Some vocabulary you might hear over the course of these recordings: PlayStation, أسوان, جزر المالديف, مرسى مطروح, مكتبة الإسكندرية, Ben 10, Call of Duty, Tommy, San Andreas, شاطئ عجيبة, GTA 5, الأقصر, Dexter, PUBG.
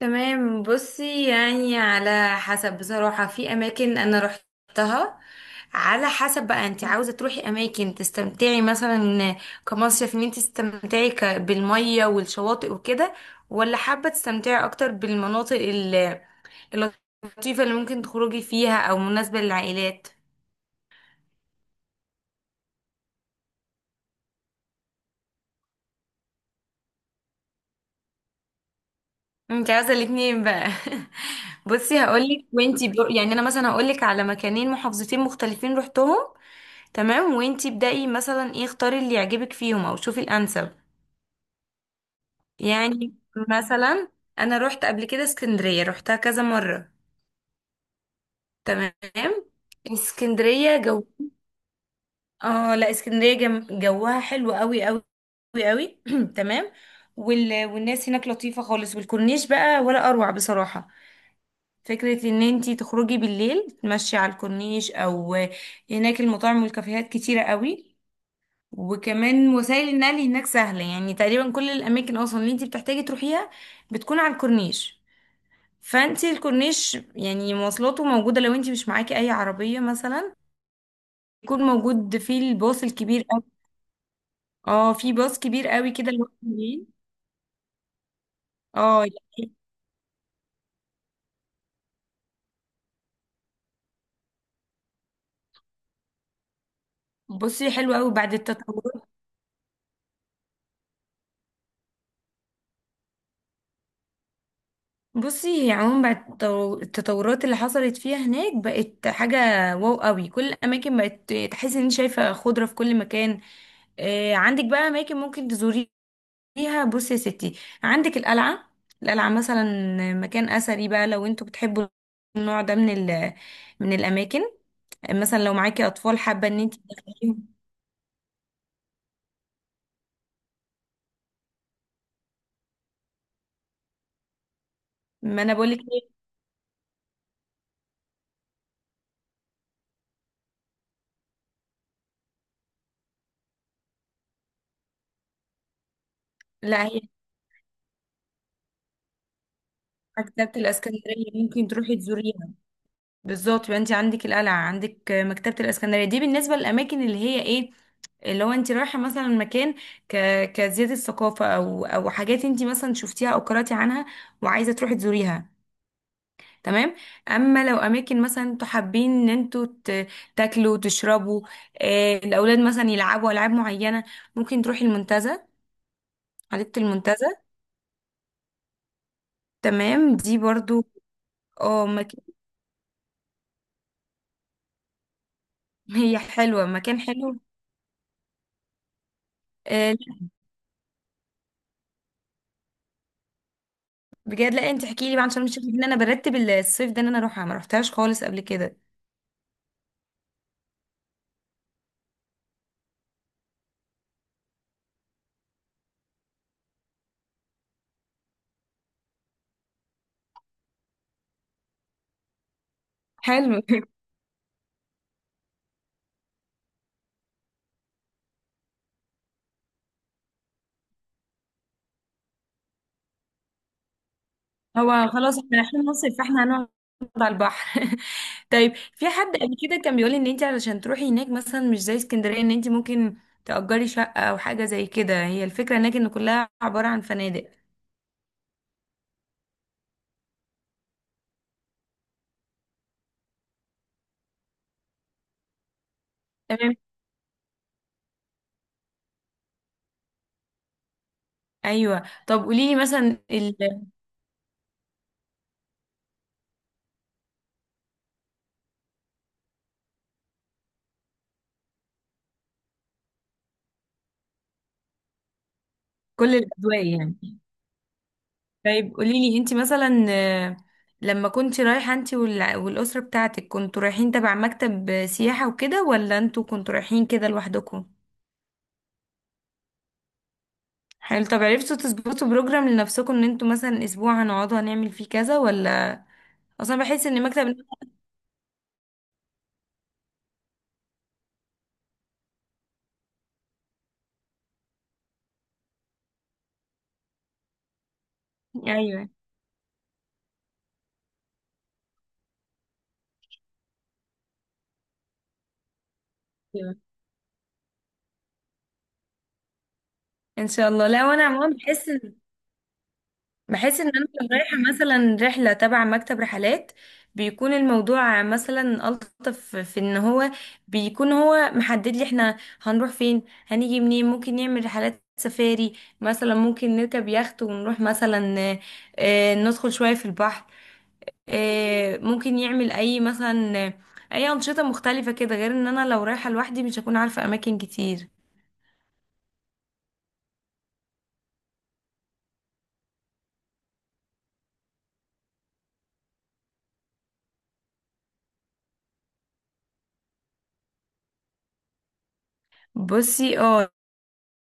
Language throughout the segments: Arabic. تمام، بصي يعني على حسب. بصراحة في أماكن أنا روحتها، على حسب بقى انت عاوزة تروحي أماكن تستمتعي مثلا كمصيف، ان انت تستمتعي بالمية والشواطئ وكده، ولا حابة تستمتعي أكتر بالمناطق اللطيفة اللي ممكن تخرجي فيها، أو مناسبة للعائلات. انت عاوزة الاتنين بقى؟ بصي هقولك. يعني أنا مثلا هقولك على مكانين، محافظتين مختلفين روحتهم. تمام، وانتي ابدأي مثلا، ايه، اختاري اللي يعجبك فيهم او شوفي الانسب. يعني، مثلا، انا روحت قبل كده اسكندرية، روحتها كذا مرة. تمام. اسكندرية جو. اه لا، اسكندرية جوها حلو قوي قوي، قوي قوي. تمام. والناس هناك لطيفة خالص، والكورنيش بقى ولا اروع بصراحة. فكرة ان انتي تخرجي بالليل تمشي على الكورنيش، او هناك المطاعم والكافيهات كتيرة قوي. وكمان وسائل النقل هناك سهلة، يعني تقريبا كل الأماكن أصلا اللي انتي بتحتاجي تروحيها بتكون على الكورنيش. فانتي الكورنيش يعني مواصلاته موجودة لو انتي مش معاكي أي عربية مثلا. يكون موجود في الباص الكبير أوي. اه، في باص كبير أوي كده اللي هو بالليل. اه يعني. بصي، حلو أوي بعد التطورات. بصي هي عموما بعد التطورات اللي حصلت فيها هناك بقت حاجة واو أوي. كل الأماكن بقت تحسي ان انت شايفة خضرة في كل مكان. عندك بقى اماكن ممكن تزوريها فيها. بصي يا ستي، عندك القلعة. القلعة مثلا مكان أثري، بقى لو انتوا بتحبوا النوع ده من ال، من الأماكن. مثلا لو معاكي أطفال حابة ان انت تدخليهم. ما أنا بقولك ايه. لا هي، مكتبة الإسكندرية ممكن تروحي تزوريها. بالظبط، يبقى انت عندك القلعة، عندك مكتبة الإسكندرية. دي بالنسبة للأماكن اللي هي ايه، اللي هو انت رايحه مثلا مكان ك... كزياده ثقافه، او حاجات انت مثلا شفتيها او قراتي عنها وعايزه تروحي تزوريها. تمام. اما لو اماكن مثلا انتوا حابين ان انتوا تاكلوا وتشربوا، الاولاد مثلا يلعبوا العاب معينه، ممكن تروحي المنتزه، حديقه المنتزه. تمام، دي برضو. اه مكان. هي حلوه، مكان حلو. آه، بجد؟ لا انت احكي لي بقى، عشان مش، ان انا برتب الصيف ده ان انا اروحها، ما روحتهاش خالص قبل كده. حلو. هو خلاص احنا رايحين مصيف، فاحنا هنقعد على البحر. طيب، في حد قبل كده كان بيقول ان انت علشان تروحي هناك مثلا مش زي اسكندرية، ان انت ممكن تأجري شقة او حاجة زي كده، هي الفكرة هناك ان كلها عبارة عن فنادق. تمام. ايوه، طب قولي لي مثلا كل الاجواء يعني. طيب قولي لي انت مثلا، لما كنت رايحة انت والأسرة بتاعتك، كنتوا رايحين تبع مكتب سياحة وكده، ولا انتوا كنتوا رايحين كده لوحدكم؟ حلو. طب عرفتوا تظبطوا بروجرام لنفسكم ان انتوا مثلا اسبوع هنقعدوا هنعمل فيه كذا، ولا اصلا بحس ان مكتب. ايوه. ايوه، ان شاء الله. لا، وانا عموما بحس ان، بحس ان انا لو رايحه مثلا رحله تبع مكتب رحلات، بيكون الموضوع مثلا الطف في ان هو بيكون هو محدد لي احنا هنروح فين هنيجي منين، ممكن نعمل رحلات سفاري مثلا، ممكن نركب يخت ونروح مثلا، ندخل شويه في البحر، ممكن يعمل اي مثلا، اي انشطه مختلفه كده، غير ان انا لو رايحه لوحدي مش هكون عارفه اماكن كتير. بصي اه،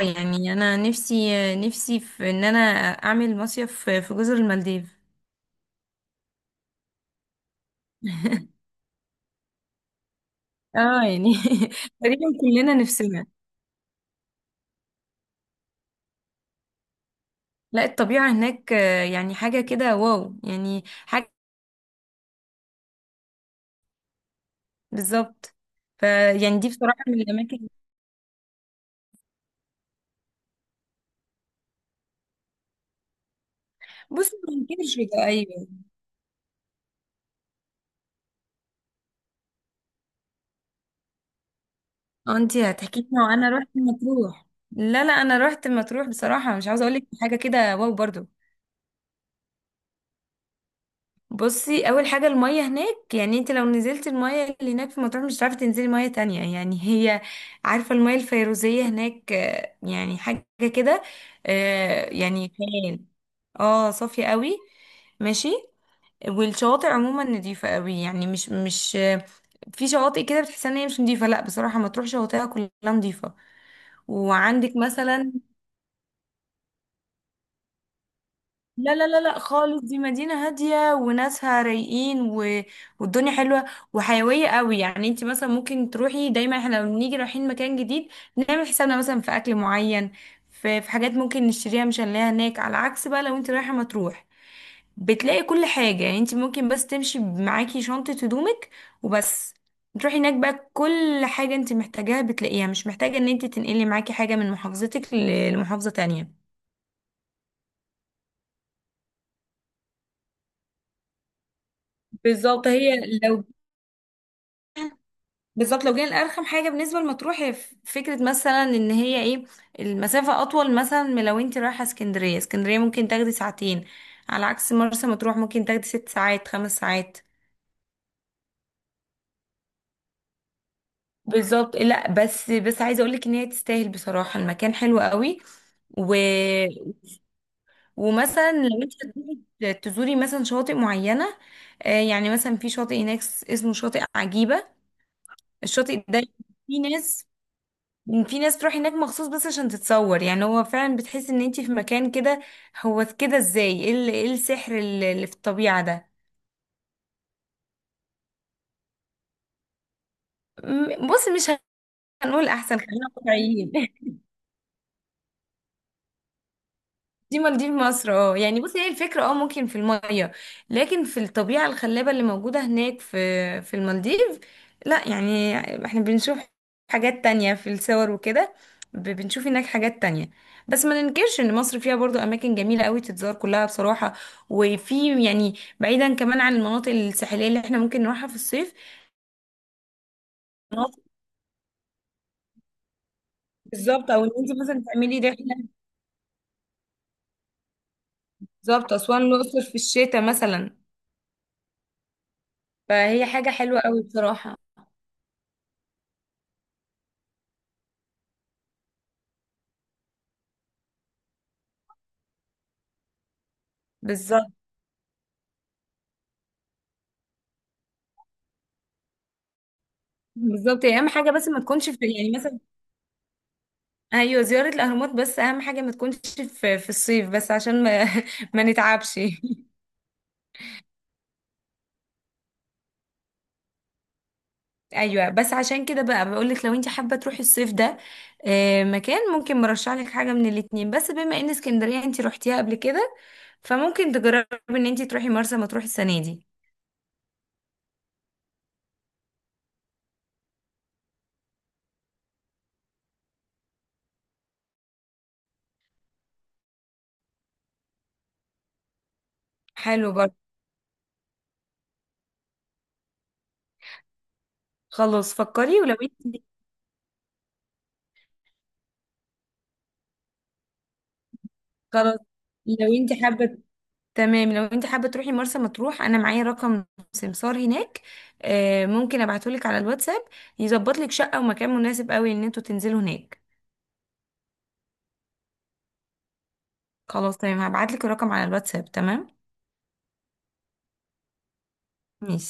يعني انا نفسي، نفسي في ان انا اعمل مصيف في جزر المالديف. اه يعني. تقريبا كلنا نفسنا. لا الطبيعه هناك، يعني حاجه كده واو، يعني حاجه. بالظبط. ف، يعني دي بصراحه من الاماكن. بصي ما انكرش ده، ايوه. اه انتي هتحكي لنا وانا رحت مطروح؟ لا لا، انا رحت مطروح بصراحه، مش عاوزه اقول لك حاجه كده واو برضو. بصي، اول حاجه الميه هناك، يعني انت لو نزلت الميه اللي هناك في مطروح مش هتعرفي تنزلي ميه تانية. يعني هي، عارفه الميه الفيروزيه هناك، يعني حاجه كده، يعني خيال. اه صافيه قوي. ماشي. والشواطئ عموما نظيفه قوي، يعني مش في شواطئ كده بتحس ان هي مش نظيفه، لا بصراحه مطروح شواطئها كلها نظيفه. وعندك مثلا. لا لا لا لا خالص، دي مدينة هادية وناسها رايقين، و... والدنيا حلوة وحيوية قوي. يعني انت مثلا ممكن تروحي، دايما احنا لما بنيجي رايحين مكان جديد نعمل حسابنا مثلا في اكل معين، في حاجات ممكن نشتريها مش هنلاقيها هناك. على عكس بقى لو انت رايحة مطروح، بتلاقي كل حاجة. يعني انت ممكن بس تمشي معاكي شنطة هدومك وبس، تروحي هناك بقى كل حاجة انت محتاجاها بتلاقيها، مش محتاجة ان انت تنقلي معاكي حاجة من محافظتك لمحافظة تانية. بالظبط هي، لو، بالظبط لو جينا لأرخم حاجة بالنسبة لمطروح، هي فكرة مثلا ان هي ايه، المسافة اطول مثلا من لو انت رايحة اسكندرية. اسكندرية ممكن تاخدي ساعتين، على عكس مرسى مطروح ممكن تاخدي 6 ساعات، 5 ساعات. بالظبط. لا بس، بس عايزة اقولك ان هي تستاهل بصراحة، المكان حلو قوي. و... ومثلا لو انت هتروحي تزوري مثلا شواطئ معينة، يعني مثلا في شاطئ هناك اسمه شاطئ عجيبة. الشاطئ ده، في ناس، في ناس تروح هناك مخصوص بس عشان تتصور. يعني هو فعلا بتحس ان انتي في مكان كده، هو كده ازاي؟ ايه إيه السحر اللي في الطبيعة ده! بص، مش هنقول احسن، خلينا واقعيين. دي مالديف مصر. اه يعني بصي، هي الفكرة اه ممكن في المية، لكن في الطبيعة الخلابة اللي موجودة هناك في في المالديف، لا، يعني احنا بنشوف حاجات تانية في الصور وكده، بنشوف هناك حاجات تانية. بس ما ننكرش ان مصر فيها برضو اماكن جميلة قوي تتزار كلها بصراحة. وفي يعني، بعيدا كمان عن المناطق الساحلية اللي احنا ممكن نروحها في الصيف، مناطق. بالظبط، او ان انت مثلا تعملي رحلة. بالظبط، اسوان الاقصر في الشتاء مثلا، فهي حاجة حلوة قوي بصراحة. بالظبط. بالظبط، يعني اهم حاجه بس ما تكونش في، يعني مثلا، ايوه زياره الاهرامات، بس اهم حاجه ما تكونش في الصيف بس عشان ما ما نتعبش. ايوه، بس عشان كده بقى بقول لك، لو انت حابه تروحي الصيف ده مكان، ممكن مرشح لك حاجه من الاتنين. بس بما ان اسكندريه انت روحتيها قبل كده، فممكن تجربي ان انت تروحي مرسى مطروح السنه دي. حلو برضه. خلاص فكري. ولو انت، خلاص لو انت حابه، تمام. لو انت حابة تروحي مرسى مطروح، انا معايا رقم سمسار هناك، ممكن ابعتهولك على الواتساب يظبط لك شقة ومكان مناسب قوي ان انتوا تنزلوا هناك. خلاص تمام، هبعتلك الرقم على الواتساب. تمام، ماشي.